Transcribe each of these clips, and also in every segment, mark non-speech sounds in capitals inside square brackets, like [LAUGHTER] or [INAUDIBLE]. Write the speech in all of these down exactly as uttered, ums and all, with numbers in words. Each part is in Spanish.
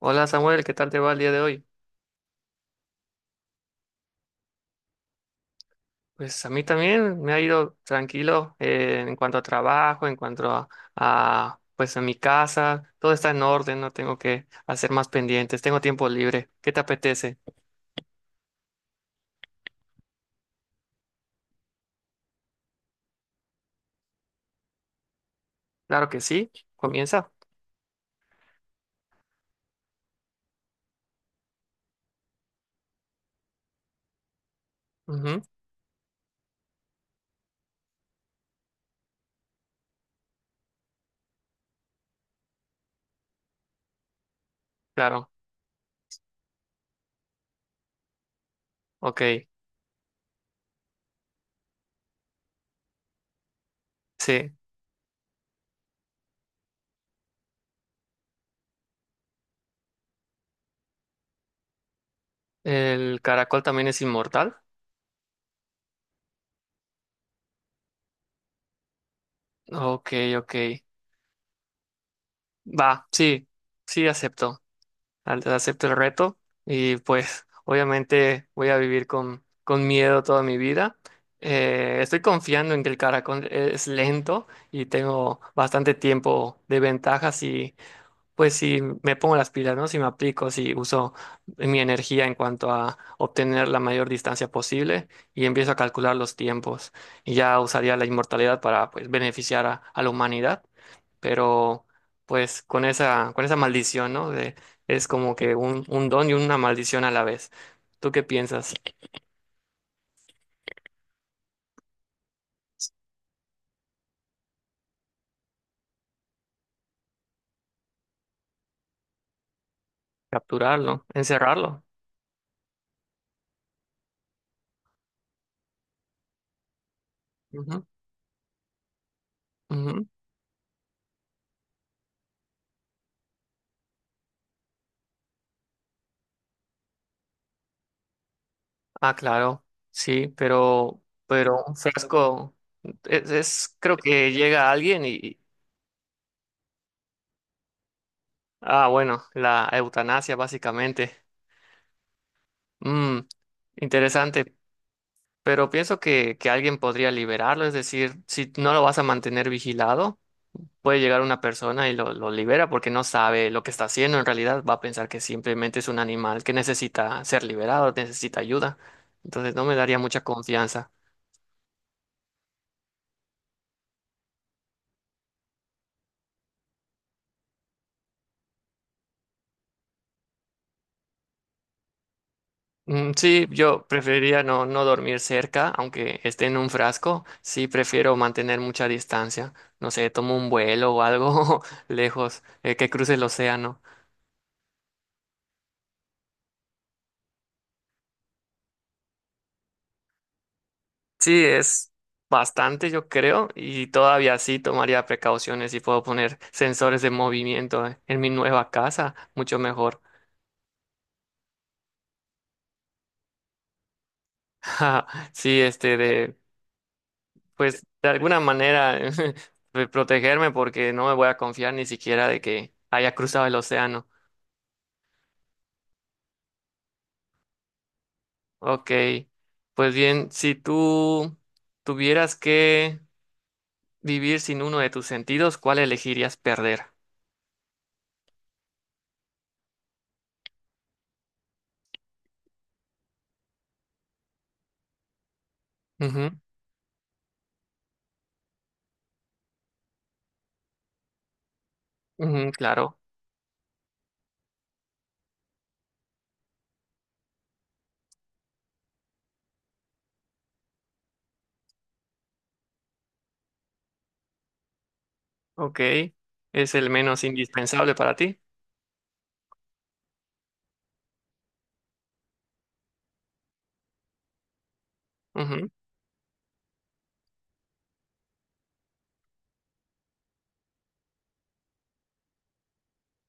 Hola Samuel, ¿qué tal te va el día de hoy? Pues a mí también me ha ido tranquilo eh, en cuanto a trabajo, en cuanto a, a, pues en mi casa, todo está en orden, no tengo que hacer más pendientes, tengo tiempo libre. ¿Qué te apetece? Claro que sí, comienza. Ujú, claro, ok, sí. ¿El caracol también es inmortal? Ok, ok. Va, sí, sí acepto. Antes acepto el reto y pues obviamente voy a vivir con, con miedo toda mi vida. Eh, estoy confiando en que el caracol e, es lento y tengo bastante tiempo de ventaja, si pues si me pongo las pilas, ¿no? Si me aplico, si uso mi energía en cuanto a obtener la mayor distancia posible y empiezo a calcular los tiempos. Y ya usaría la inmortalidad para pues beneficiar a, a la humanidad, pero pues con esa, con esa maldición, ¿no? De, es como que un, un don y una maldición a la vez. ¿Tú qué piensas? ¿Capturarlo? ¿Encerrarlo? Ujú, ujú. Ah, claro, sí, pero, pero un frasco es, es- creo que llega alguien y, ah, bueno, la eutanasia básicamente. Mm, interesante, pero pienso que, que alguien podría liberarlo, es decir, si no lo vas a mantener vigilado. Puede llegar una persona y lo, lo libera porque no sabe lo que está haciendo. En realidad va a pensar que simplemente es un animal que necesita ser liberado, necesita ayuda. Entonces no me daría mucha confianza. Mm, sí, yo preferiría no, no dormir cerca, aunque esté en un frasco. Sí, prefiero mantener mucha distancia. No sé, tomo un vuelo o algo [LAUGHS] lejos, eh, que cruce el océano. Sí, es bastante, yo creo, y todavía sí tomaría precauciones y puedo poner sensores de movimiento en mi nueva casa, mucho mejor. [LAUGHS] Ja, sí, este de, pues de alguna manera [LAUGHS] de protegerme porque no me voy a confiar ni siquiera de que haya cruzado el océano. Ok, pues bien, si tú tuvieras que vivir sin uno de tus sentidos, ¿cuál elegirías perder? Ujú, ujú, claro. Ok, es el menos indispensable para ti. Ujú,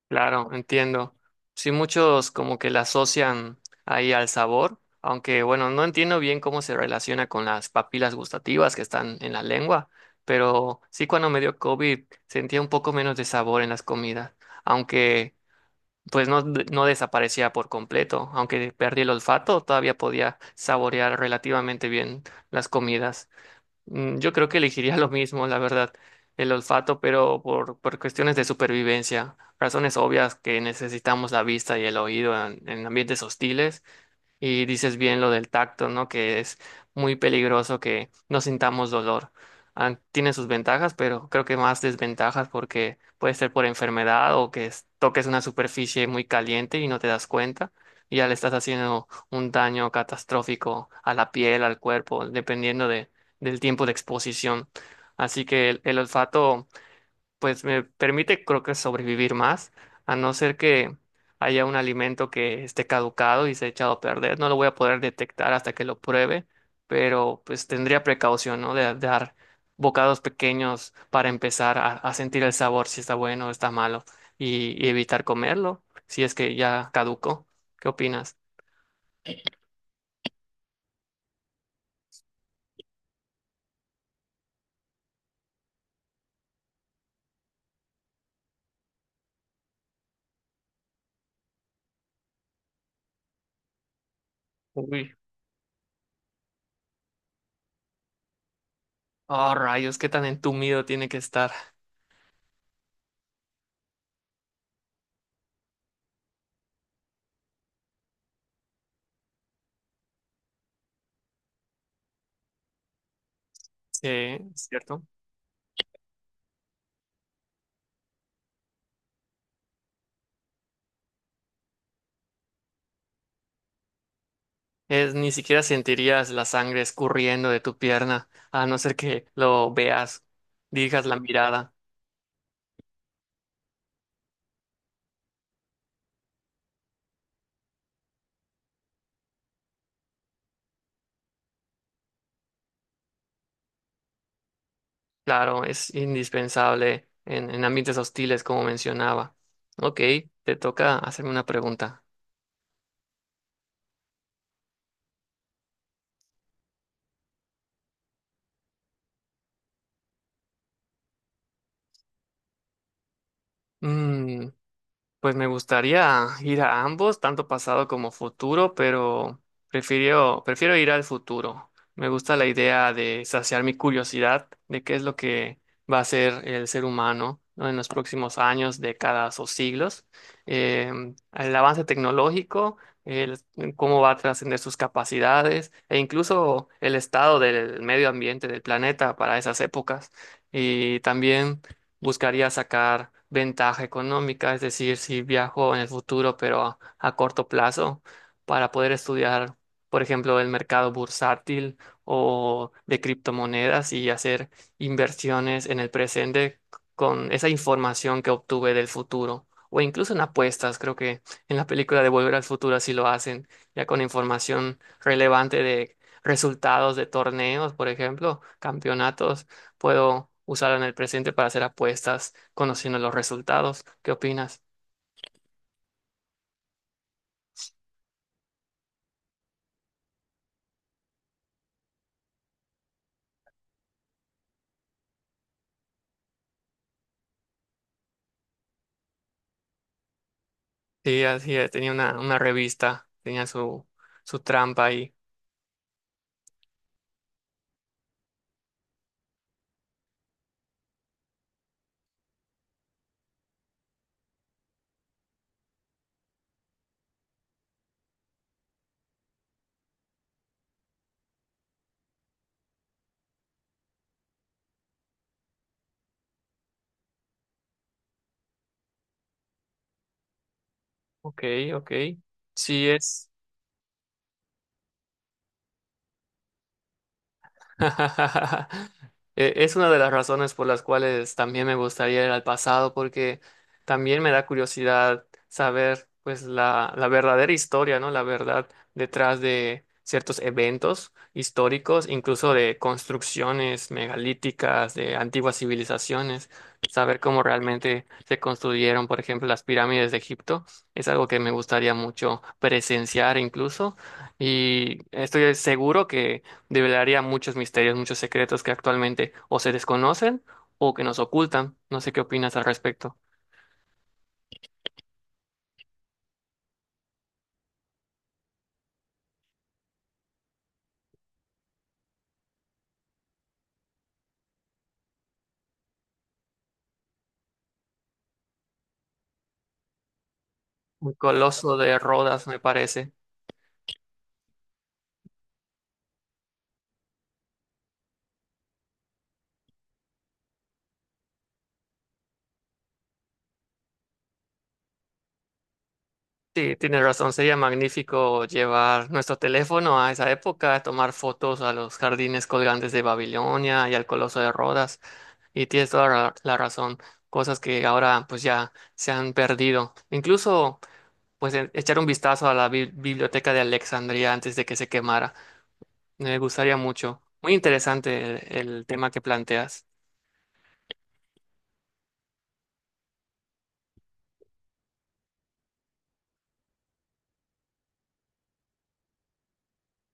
claro, entiendo. Sí, muchos como que la asocian ahí al sabor, aunque bueno, no entiendo bien cómo se relaciona con las papilas gustativas que están en la lengua, pero sí cuando me dio cóvid sentía un poco menos de sabor en las comidas, aunque pues no, de- no desaparecía por completo, aunque perdí el olfato, todavía podía saborear relativamente bien las comidas. Mm, yo creo que elegiría [LAUGHS] lo mismo, la verdad, el olfato, pero por, por cuestiones de supervivencia, razones obvias que necesitamos la vista y el oído en, en ambientes hostiles, y dices bien lo del tacto, ¿no? Que es muy peligroso que no sintamos dolor. Ah, tiene sus ventajas, pero creo que más desventajas porque puede ser por enfermedad o que es- toques una superficie muy caliente y no te das cuenta. Y ya le estás haciendo un daño catastrófico a la piel, al cuerpo, dependiendo de, del tiempo de exposición. Así que el, el olfato pues me permite creo que sobrevivir más, a no ser que haya un alimento que esté caducado y se ha echado a perder. No lo voy a poder detectar hasta que lo pruebe, pero pues tendría precaución, ¿no? De, dar bocados pequeños para empezar a, a sentir el sabor, si está bueno o está malo, y, y evitar comerlo, si es que ya caducó. ¿Qué opinas? Uy. Oh, rayos, qué tan entumido tiene que estar. Sí, ¿cierto? Es, ni siquiera sentirías la sangre escurriendo de tu pierna, a no ser que lo veas, dirijas la mirada. Claro, es indispensable en, en ambientes hostiles, como mencionaba. Ok, te toca hacerme una pregunta. Mm, pues me gustaría ir a ambos, tanto pasado como futuro, pero prefiero, prefiero ir al futuro. Me gusta la idea de saciar mi curiosidad de qué es lo que va a ser el ser humano, ¿no? En los próximos años, décadas o siglos. Eh, el avance tecnológico, el- cómo va a trascender sus capacidades e incluso el estado del medio ambiente del planeta para esas épocas. Y también buscaría sacar ventaja económica, es decir, si viajo en el futuro, pero a, a corto plazo, para poder estudiar, por ejemplo, el mercado bursátil o de criptomonedas y hacer inversiones en el presente con esa información que obtuve del futuro. O incluso en apuestas, creo que en la película de Volver al Futuro así lo hacen, ya con información relevante de resultados de torneos, por ejemplo, campeonatos. Puedo usarlo en el presente para hacer apuestas, conociendo los resultados. ¿Qué opinas? Sí, así es. Tenía una, una revista, tenía su, su trampa ahí. Ok, ok. Sí es. [LAUGHS] E- Es una de las razones por las cuales también me gustaría ir al pasado, porque también me da curiosidad saber pues la, la verdadera historia, ¿no? La verdad detrás de ciertos eventos históricos, incluso de construcciones megalíticas, de antiguas civilizaciones, saber cómo realmente se construyeron, por ejemplo, las pirámides de Egipto, es algo que me gustaría mucho presenciar incluso, y estoy seguro que develaría muchos misterios, muchos secretos que actualmente o se desconocen o que nos ocultan. No sé qué opinas al respecto. Un coloso de Rodas, me parece. Sí, tienes razón, sería magnífico llevar nuestro teléfono a esa época, tomar fotos a los jardines colgantes de Babilonia y al Coloso de Rodas. Y tienes toda ra- la razón, cosas que ahora pues ya se han perdido. Incluso pues e- echar un vistazo a la bi- biblioteca de Alejandría antes de que se quemara. Me gustaría mucho. Muy interesante el, el tema que planteas.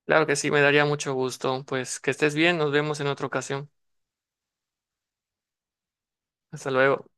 Claro que sí, me daría mucho gusto. Pues que estés bien, nos vemos en otra ocasión. Hasta luego.